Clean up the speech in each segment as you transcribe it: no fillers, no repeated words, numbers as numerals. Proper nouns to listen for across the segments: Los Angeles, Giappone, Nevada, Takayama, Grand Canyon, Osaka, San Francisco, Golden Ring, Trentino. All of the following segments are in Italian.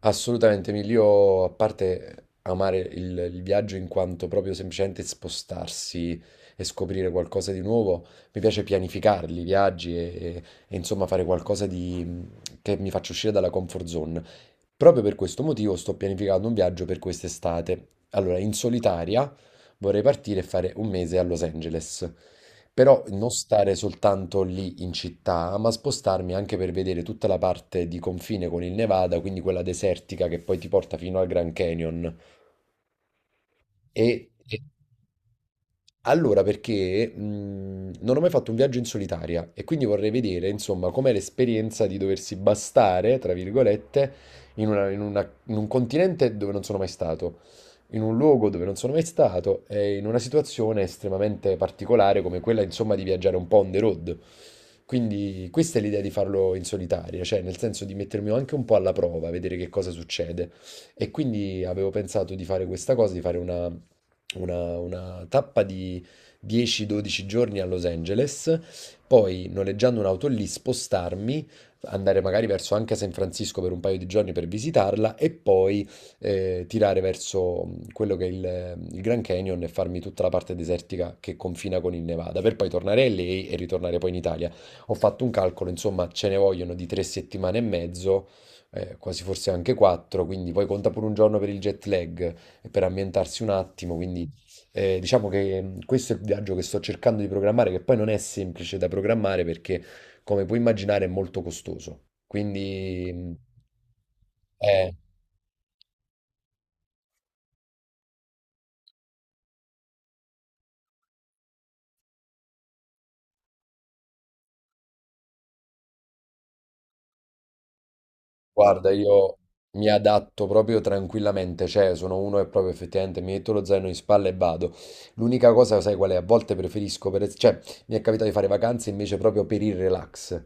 Assolutamente, Emilio, a parte amare il viaggio in quanto proprio semplicemente spostarsi e scoprire qualcosa di nuovo, mi piace pianificarli, i viaggi e- e insomma fare qualcosa di, che mi faccia uscire dalla comfort zone. Proprio per questo motivo sto pianificando un viaggio per quest'estate. Allora, in solitaria vorrei partire e fare un mese a Los Angeles. Però non stare soltanto lì in città, ma spostarmi anche per vedere tutta la parte di confine con il Nevada, quindi quella desertica che poi ti porta fino al Grand Canyon. E, e allora, perché non ho mai fatto un viaggio in solitaria e quindi vorrei vedere, insomma, com'è l'esperienza di doversi bastare, tra virgolette, in un continente dove non sono mai stato, in un luogo dove non sono mai stato e in una situazione estremamente particolare come quella, insomma, di viaggiare un po' on the road. Quindi questa è l'idea di farlo in solitaria, cioè nel senso di mettermi anche un po' alla prova, vedere che cosa succede. E quindi avevo pensato di fare questa cosa, di fare una tappa di 10-12 giorni a Los Angeles, poi noleggiando un'auto lì, spostarmi, andare magari verso anche San Francisco per un paio di giorni per visitarla e poi tirare verso quello che è il Grand Canyon e farmi tutta la parte desertica che confina con il Nevada, per poi tornare lì e ritornare poi in Italia. Ho fatto un calcolo, insomma, ce ne vogliono di 3 settimane e mezzo, quasi forse anche quattro, quindi poi conta pure un giorno per il jet lag e per ambientarsi un attimo, quindi diciamo che questo è il viaggio che sto cercando di programmare, che poi non è semplice da programmare perché, come puoi immaginare, è molto costoso. Quindi, eh, Guarda, io mi adatto proprio tranquillamente, cioè sono uno che proprio effettivamente mi metto lo zaino in spalla e vado. L'unica cosa, sai qual è? A volte preferisco, cioè mi è capitato di fare vacanze invece proprio per il relax,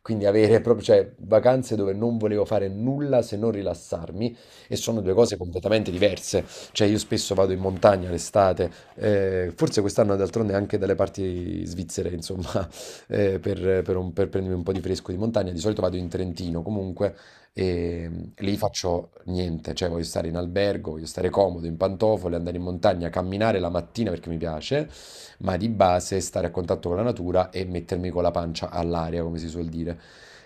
quindi avere proprio, cioè vacanze dove non volevo fare nulla se non rilassarmi e sono due cose completamente diverse, cioè io spesso vado in montagna l'estate, forse quest'anno d'altronde anche dalle parti svizzere, insomma, per prendermi un po' di fresco di montagna, di solito vado in Trentino comunque. E lì faccio niente, cioè voglio stare in albergo, voglio stare comodo, in pantofole, andare in montagna, camminare la mattina perché mi piace, ma di base stare a contatto con la natura e mettermi con la pancia all'aria, come si suol dire.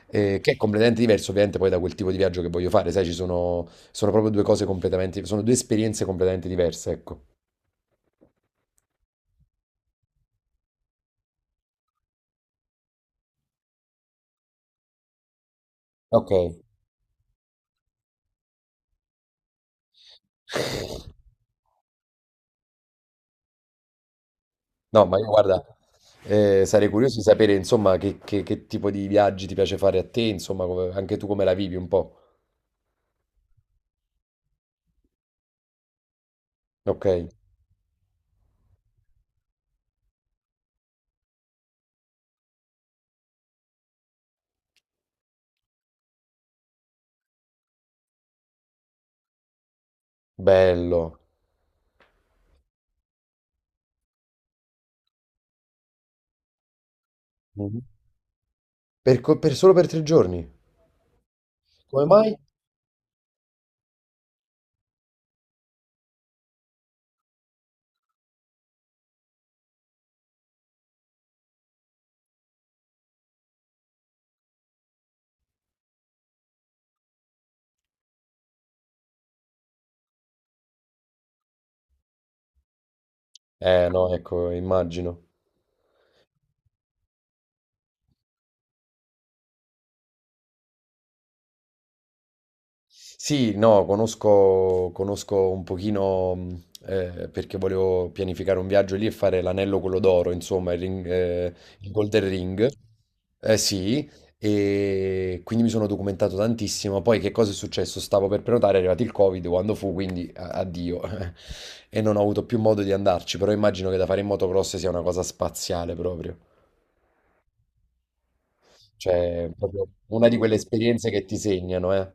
Che è completamente diverso ovviamente poi da quel tipo di viaggio che voglio fare, sai, ci sono, sono proprio due cose completamente, sono due esperienze completamente diverse, ecco. Ok, no, ma io guarda, sarei curioso di sapere insomma che tipo di viaggi ti piace fare a te, insomma, come anche tu come la vivi un po'. Ok. Bello. Mhm. Per, solo per tre giorni? Come mai? Eh no, ecco, immagino. Sì, no, conosco, conosco un pochino, perché volevo pianificare un viaggio lì e fare l'anello quello d'oro, insomma, il Golden Ring. Eh sì, e quindi mi sono documentato tantissimo. Poi che cosa è successo? Stavo per prenotare, è arrivato il Covid quando fu, quindi addio. E non ho avuto più modo di andarci, però immagino che da fare in motocross sia una cosa spaziale proprio. Cioè, è proprio una di quelle esperienze che ti segnano, eh.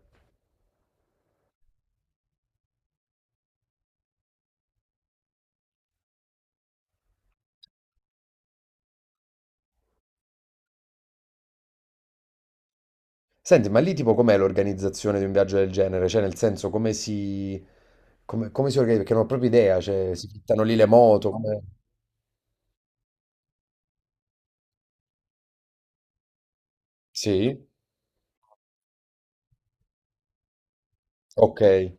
Senti, ma lì tipo com'è l'organizzazione di un viaggio del genere? Cioè, nel senso, come si organizza? Perché non ho proprio idea, cioè, si fittano lì le moto, come... Sì? Ok.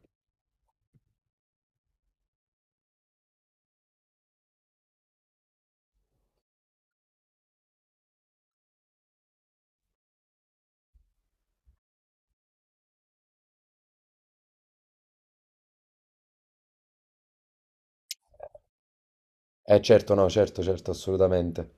Certo, no, certo, certo, assolutamente.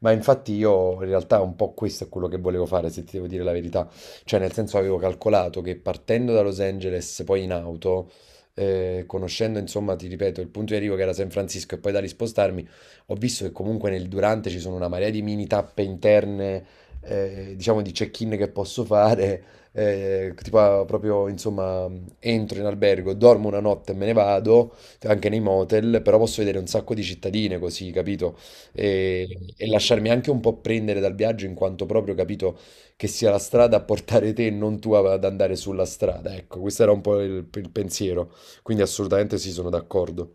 Ma infatti io in realtà un po' questo è quello che volevo fare, se ti devo dire la verità. Cioè, nel senso avevo calcolato che partendo da Los Angeles, poi in auto, conoscendo insomma, ti ripeto, il punto di arrivo che era San Francisco e poi da lì spostarmi, ho visto che comunque nel durante ci sono una marea di mini tappe interne, diciamo di check-in che posso fare. Tipo, proprio insomma entro in albergo, dormo una notte e me ne vado anche nei motel, però posso vedere un sacco di cittadine così, capito? E e lasciarmi anche un po' prendere dal viaggio in quanto proprio capito che sia la strada a portare te e non tu ad andare sulla strada. Ecco, questo era un po' il pensiero, quindi assolutamente sì, sono d'accordo.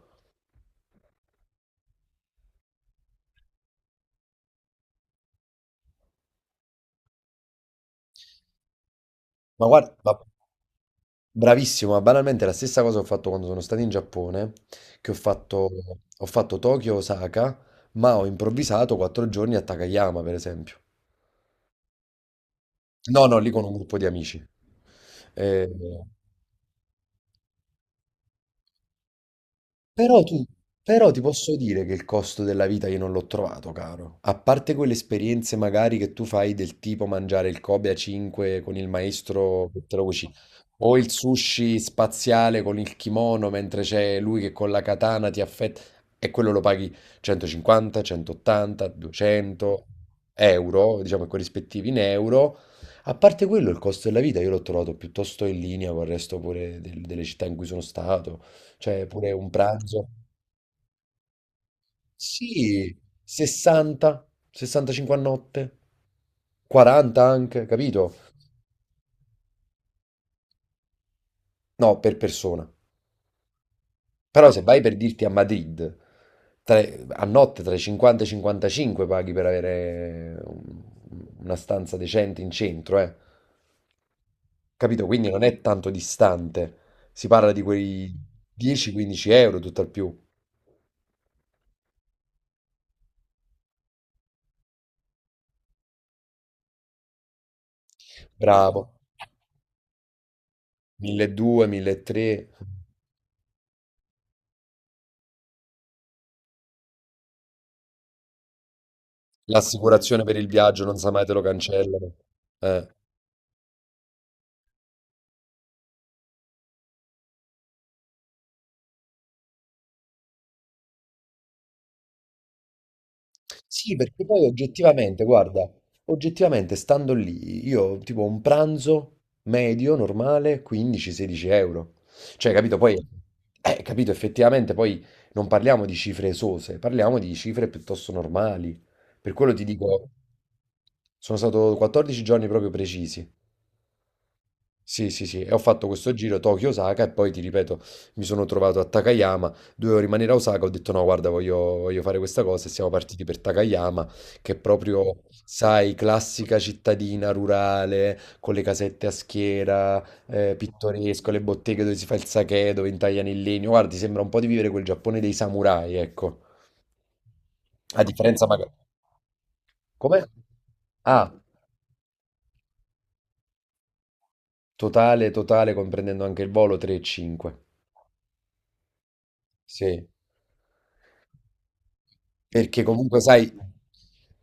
Ma guarda, ma bravissimo, ma banalmente la stessa cosa ho fatto quando sono stato in Giappone, che ho fatto, ho fatto Tokyo-Osaka, ma ho improvvisato 4 giorni a Takayama, per esempio. No, no, lì con un gruppo di amici. Eh, Però tu, però ti posso dire che il costo della vita io non l'ho trovato caro. A parte quelle esperienze magari che tu fai del tipo mangiare il Kobe a 5 con il maestro che te lo cucina, o il sushi spaziale con il kimono mentre c'è lui che con la katana ti affetta, e quello lo paghi 150, 180, 200 euro, diciamo corrispettivi in euro. A parte quello, il costo della vita io l'ho trovato piuttosto in linea con il resto pure delle città in cui sono stato. Cioè, pure un pranzo. Sì, 60, 65 a notte, 40 anche, capito? No, per persona. Però se vai per dirti a Madrid, tra- a notte tra i 50 e i 55 paghi per avere un- una stanza decente in centro, eh. Capito? Quindi non è tanto distante. Si parla di quei 10-15 euro, tutto al più. Bravo. 1200, 1300. L'assicurazione per il viaggio, non sa mai te lo cancellano. Eh. Sì, perché poi oggettivamente, guarda, oggettivamente stando lì, io tipo un pranzo medio, normale, 15-16 euro. Cioè, capito? Poi, capito, effettivamente poi non parliamo di cifre esose, parliamo di cifre piuttosto normali. Per quello ti dico, sono stato 14 giorni proprio precisi. Sì, sì, sì, e ho fatto questo giro Tokyo-Osaka e poi ti ripeto, mi sono trovato a Takayama, dovevo rimanere a Osaka, ho detto no, guarda, voglio, voglio fare questa cosa e siamo partiti per Takayama, che è proprio, sai, classica cittadina rurale, con le casette a schiera, pittoresco, le botteghe dove si fa il sake, dove intagliano il legno, guarda, ti sembra un po' di vivere quel Giappone dei samurai, ecco, a differenza magari... Come? Ah, totale, totale, comprendendo anche il volo 3 e 5. Sì. Perché comunque, sai,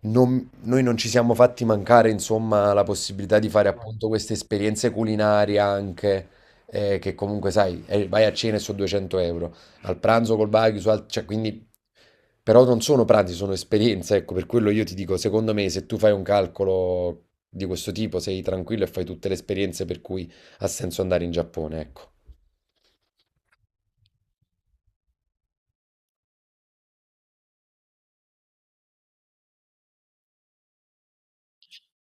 noi non ci siamo fatti mancare, insomma, la possibilità di fare appunto queste esperienze culinarie anche, che comunque, sai, vai a cena e sono 200 euro, al pranzo col barbecue, cioè, quindi, però non sono pranzi, sono esperienze, ecco, per quello io ti dico, secondo me, se tu fai un calcolo di questo tipo, sei tranquillo e fai tutte le esperienze per cui ha senso andare in Giappone, ecco.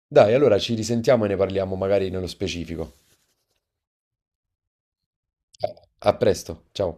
Dai, allora ci risentiamo e ne parliamo magari nello specifico. A a presto, ciao.